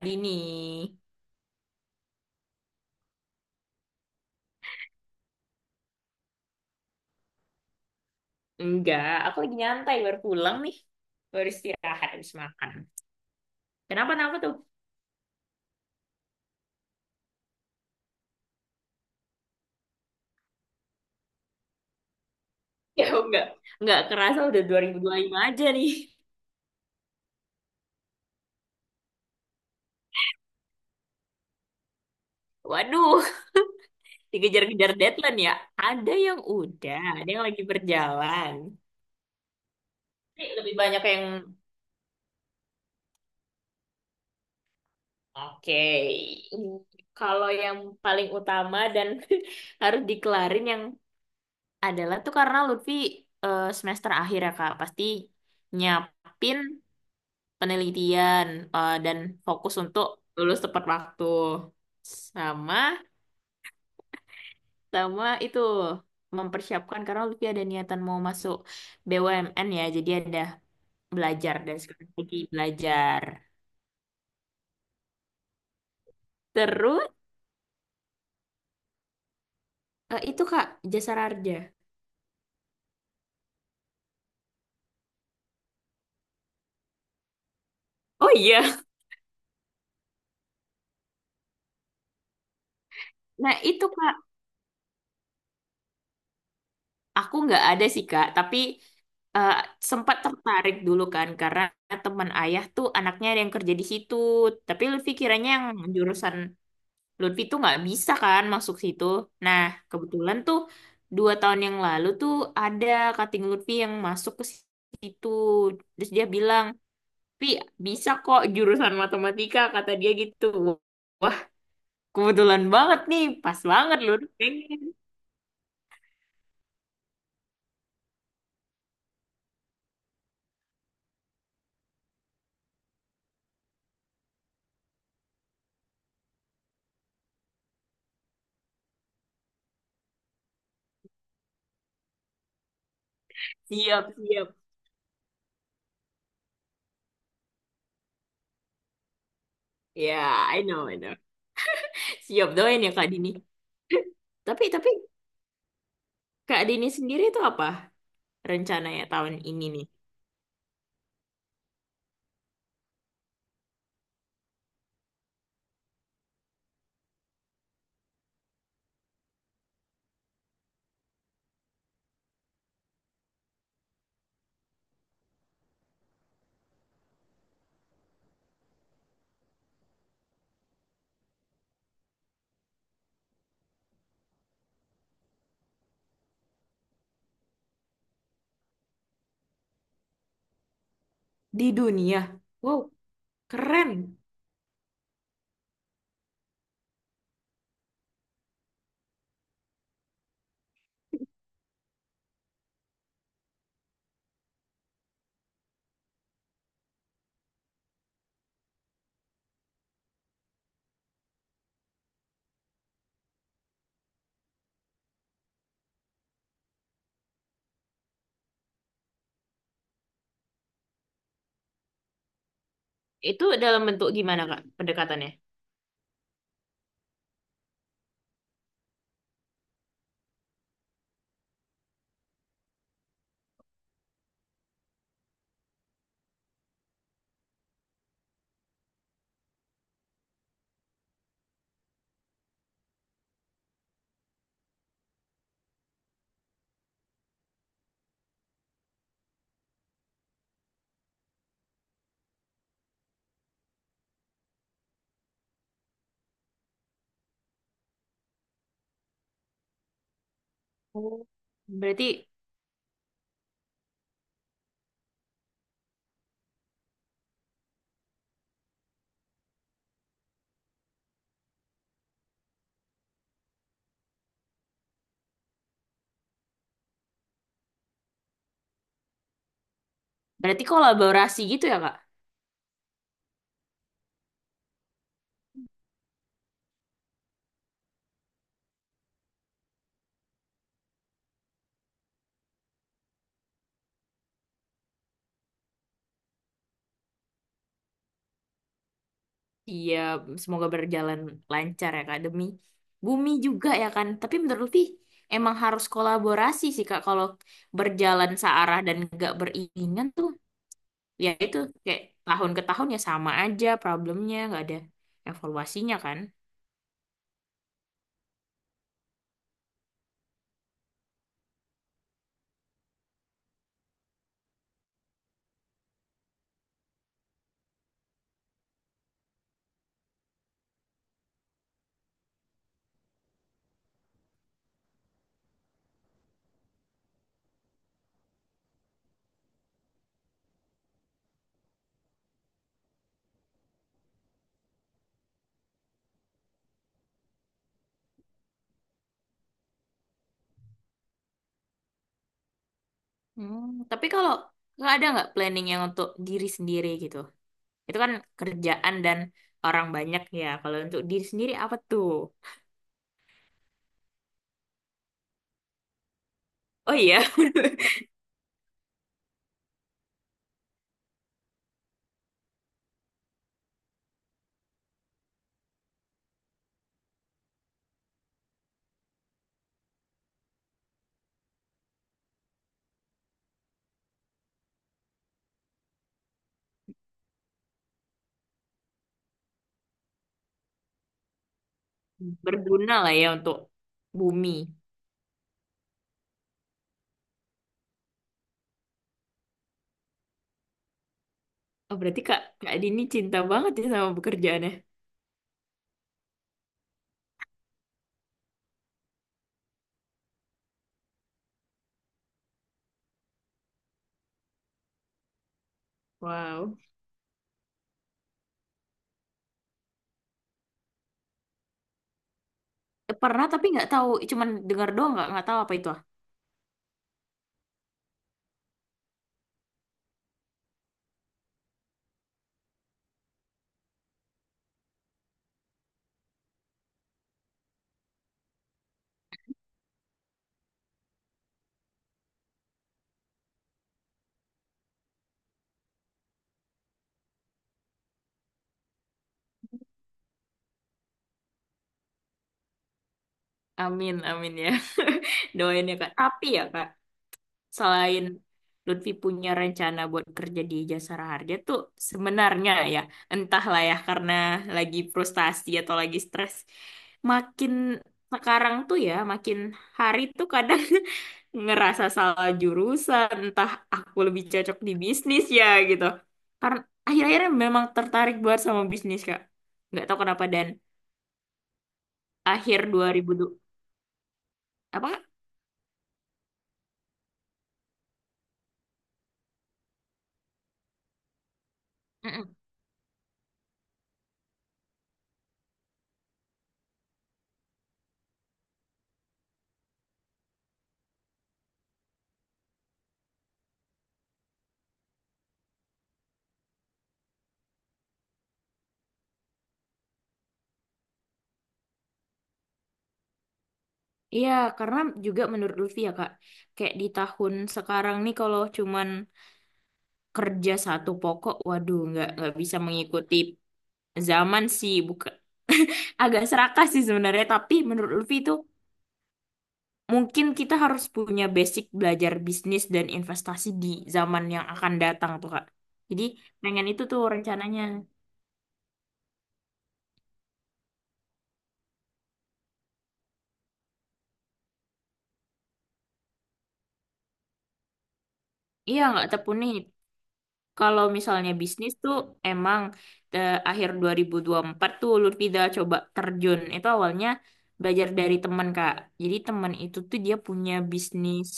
Dini. Enggak, aku lagi nyantai baru pulang nih. Baru istirahat habis makan. Kenapa kenapa tuh? Ya enggak. Enggak kerasa udah dua dua ribu dua puluh lima aja nih. Waduh, dikejar-kejar deadline ya. Ada yang udah, ada yang lagi berjalan. Tapi lebih banyak yang oke. Kalau yang paling utama dan harus dikelarin yang adalah tuh karena Lutfi semester akhir ya Kak, pasti nyiapin penelitian dan fokus untuk lulus tepat waktu. Sama, sama itu mempersiapkan karena Lutfi ada niatan mau masuk BUMN ya, jadi ada belajar dari sekarang lagi belajar. Terus itu Kak Jasa Raja. Oh iya, nah itu Kak aku nggak ada sih Kak, tapi eh, sempat tertarik dulu kan karena teman ayah tuh anaknya ada yang kerja di situ, tapi Lutfi kiranya yang jurusan Lutfi tuh nggak bisa kan masuk situ. Nah, kebetulan tuh dua tahun yang lalu tuh ada kating Lutfi yang masuk ke situ. Terus dia bilang, Pi, bisa kok jurusan matematika, kata dia gitu. Wah, kebetulan banget nih. Pas banget Lutfi. Pengen. Siap, siap. Ya, I know, I know. Siap doain ya Kak Dini. Tapi Kak Dini sendiri tuh apa rencananya tahun ini nih? Di dunia. Wow, keren. Itu dalam bentuk gimana, Kak, pendekatannya? Oh. Berarti berarti kolaborasi gitu ya Kak? Iya, semoga berjalan lancar ya Kak demi bumi juga ya kan. Tapi menurut Lutfi emang harus kolaborasi sih Kak kalau berjalan searah dan nggak beriringan tuh ya itu kayak tahun ke tahun ya sama aja problemnya nggak ada evaluasinya kan. Hmm, tapi kalau nggak ada nggak planning yang untuk diri sendiri gitu. Itu kan kerjaan dan orang banyak ya. Kalau untuk diri sendiri apa tuh? Oh iya. Berguna lah ya untuk bumi. Oh, berarti Kak, Kak Dini cinta banget ya sama pekerjaannya. Wow. Pernah tapi nggak tahu, cuman dengar doang nggak tahu apa itu. Ah. Amin, amin ya. Doain ya Kak. Tapi ya Kak, selain Lutfi punya rencana buat kerja di Jasara Harja tuh sebenarnya ya entahlah ya karena lagi frustasi atau lagi stres makin sekarang tuh ya makin hari tuh kadang ngerasa salah jurusan entah aku lebih cocok di bisnis ya gitu karena akhir-akhirnya memang tertarik buat sama bisnis Kak nggak tahu kenapa dan akhir 2000 du- apa. Iya, karena juga menurut Lutfi ya Kak, kayak di tahun sekarang nih kalau cuman kerja satu pokok, waduh nggak bisa mengikuti zaman sih, bukan agak serakah sih sebenarnya. Tapi menurut Lutfi itu mungkin kita harus punya basic belajar bisnis dan investasi di zaman yang akan datang tuh Kak. Jadi pengen itu tuh rencananya. Iya nggak tekuni. Kalau misalnya bisnis tuh emang akhir 2024 tuh Lutfi dah coba terjun. Itu awalnya belajar dari teman, Kak. Jadi teman itu tuh dia punya bisnis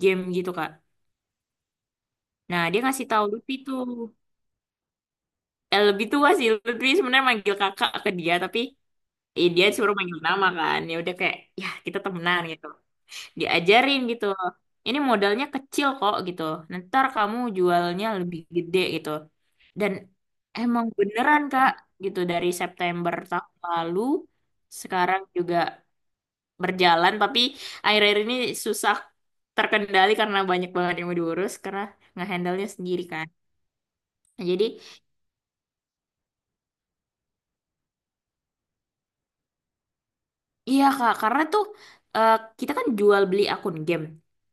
game gitu, Kak. Nah, dia ngasih tahu Lutfi tuh. Eh, lebih tua sih. Lutfi sebenarnya manggil kakak ke dia, tapi dia suruh manggil nama kan. Ya udah kayak, ya kita temenan gitu. Diajarin gitu. Ini modalnya kecil kok gitu. Ntar kamu jualnya lebih gede gitu. Dan emang beneran Kak gitu dari September tahun lalu sekarang juga berjalan tapi akhir-akhir ini susah terkendali karena banyak banget yang mau diurus karena ngehandle-nya sendiri kan. Nah, jadi iya Kak karena tuh eh, kita kan jual beli akun game.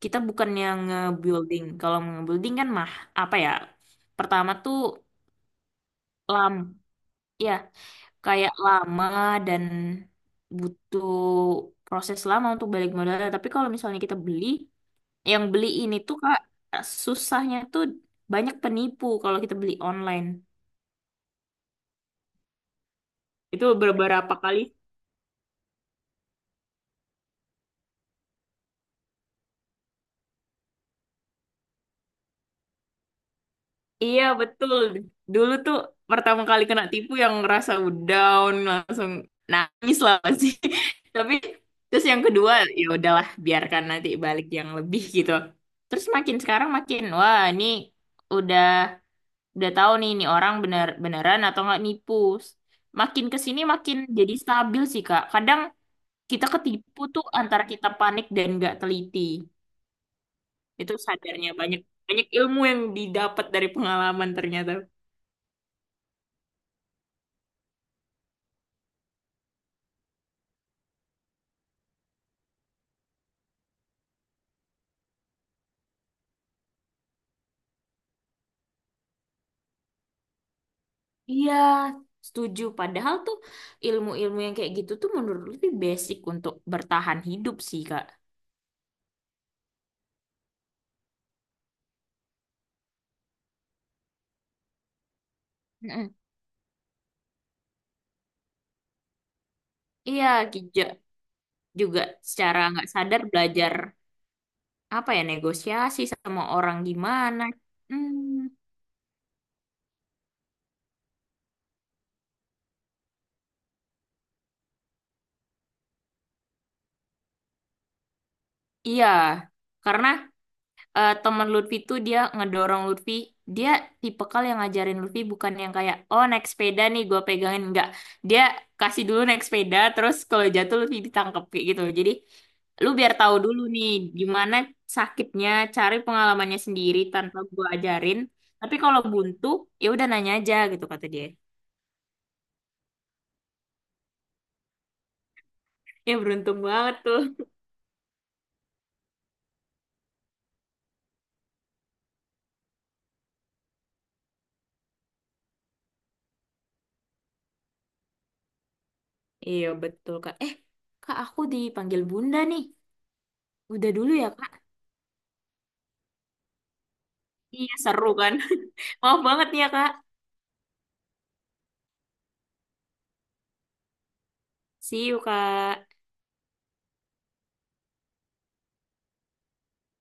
Kita bukan yang nge-building. Kalau nge-building kan mah apa ya? Pertama tuh lama. Ya, kayak lama dan butuh proses lama untuk balik modal. Tapi kalau misalnya kita beli, yang beli ini tuh Kak, susahnya tuh banyak penipu kalau kita beli online. Itu beberapa kali. Iya, betul. Dulu tuh pertama kali kena tipu yang ngerasa down, langsung nangis lah pasti. Tapi terus yang kedua, ya udahlah biarkan nanti balik yang lebih gitu. Terus makin sekarang makin, wah ini udah. Udah tahu nih, ini orang bener beneran atau nggak nipu. Makin ke sini makin jadi stabil sih, Kak. Kadang kita ketipu tuh antara kita panik dan nggak teliti. Itu sadarnya banyak banyak ilmu yang didapat dari pengalaman ternyata. Iya, setuju. Padahal tuh ilmu-ilmu yang kayak gitu tuh menurut lebih basic untuk bertahan hidup sih, Kak. Mm-mm. Iya, kita juga secara nggak sadar belajar apa ya negosiasi sama orang gimana. Hmm. Iya, karena temen Lutfi tuh dia ngedorong Lutfi, dia tipikal yang ngajarin Lutfi bukan yang kayak, oh naik sepeda nih gue pegangin, enggak. Dia kasih dulu naik sepeda, terus kalau jatuh Lutfi ditangkep kayak gitu. Jadi lu biar tahu dulu nih gimana sakitnya, cari pengalamannya sendiri tanpa gue ajarin. Tapi kalau buntu, ya udah nanya aja gitu kata dia. Ya beruntung banget tuh. Iya betul kak. Eh kak aku dipanggil bunda nih. Udah dulu ya kak. Iya seru kan? Maaf banget nih ya Kak. See you Kak.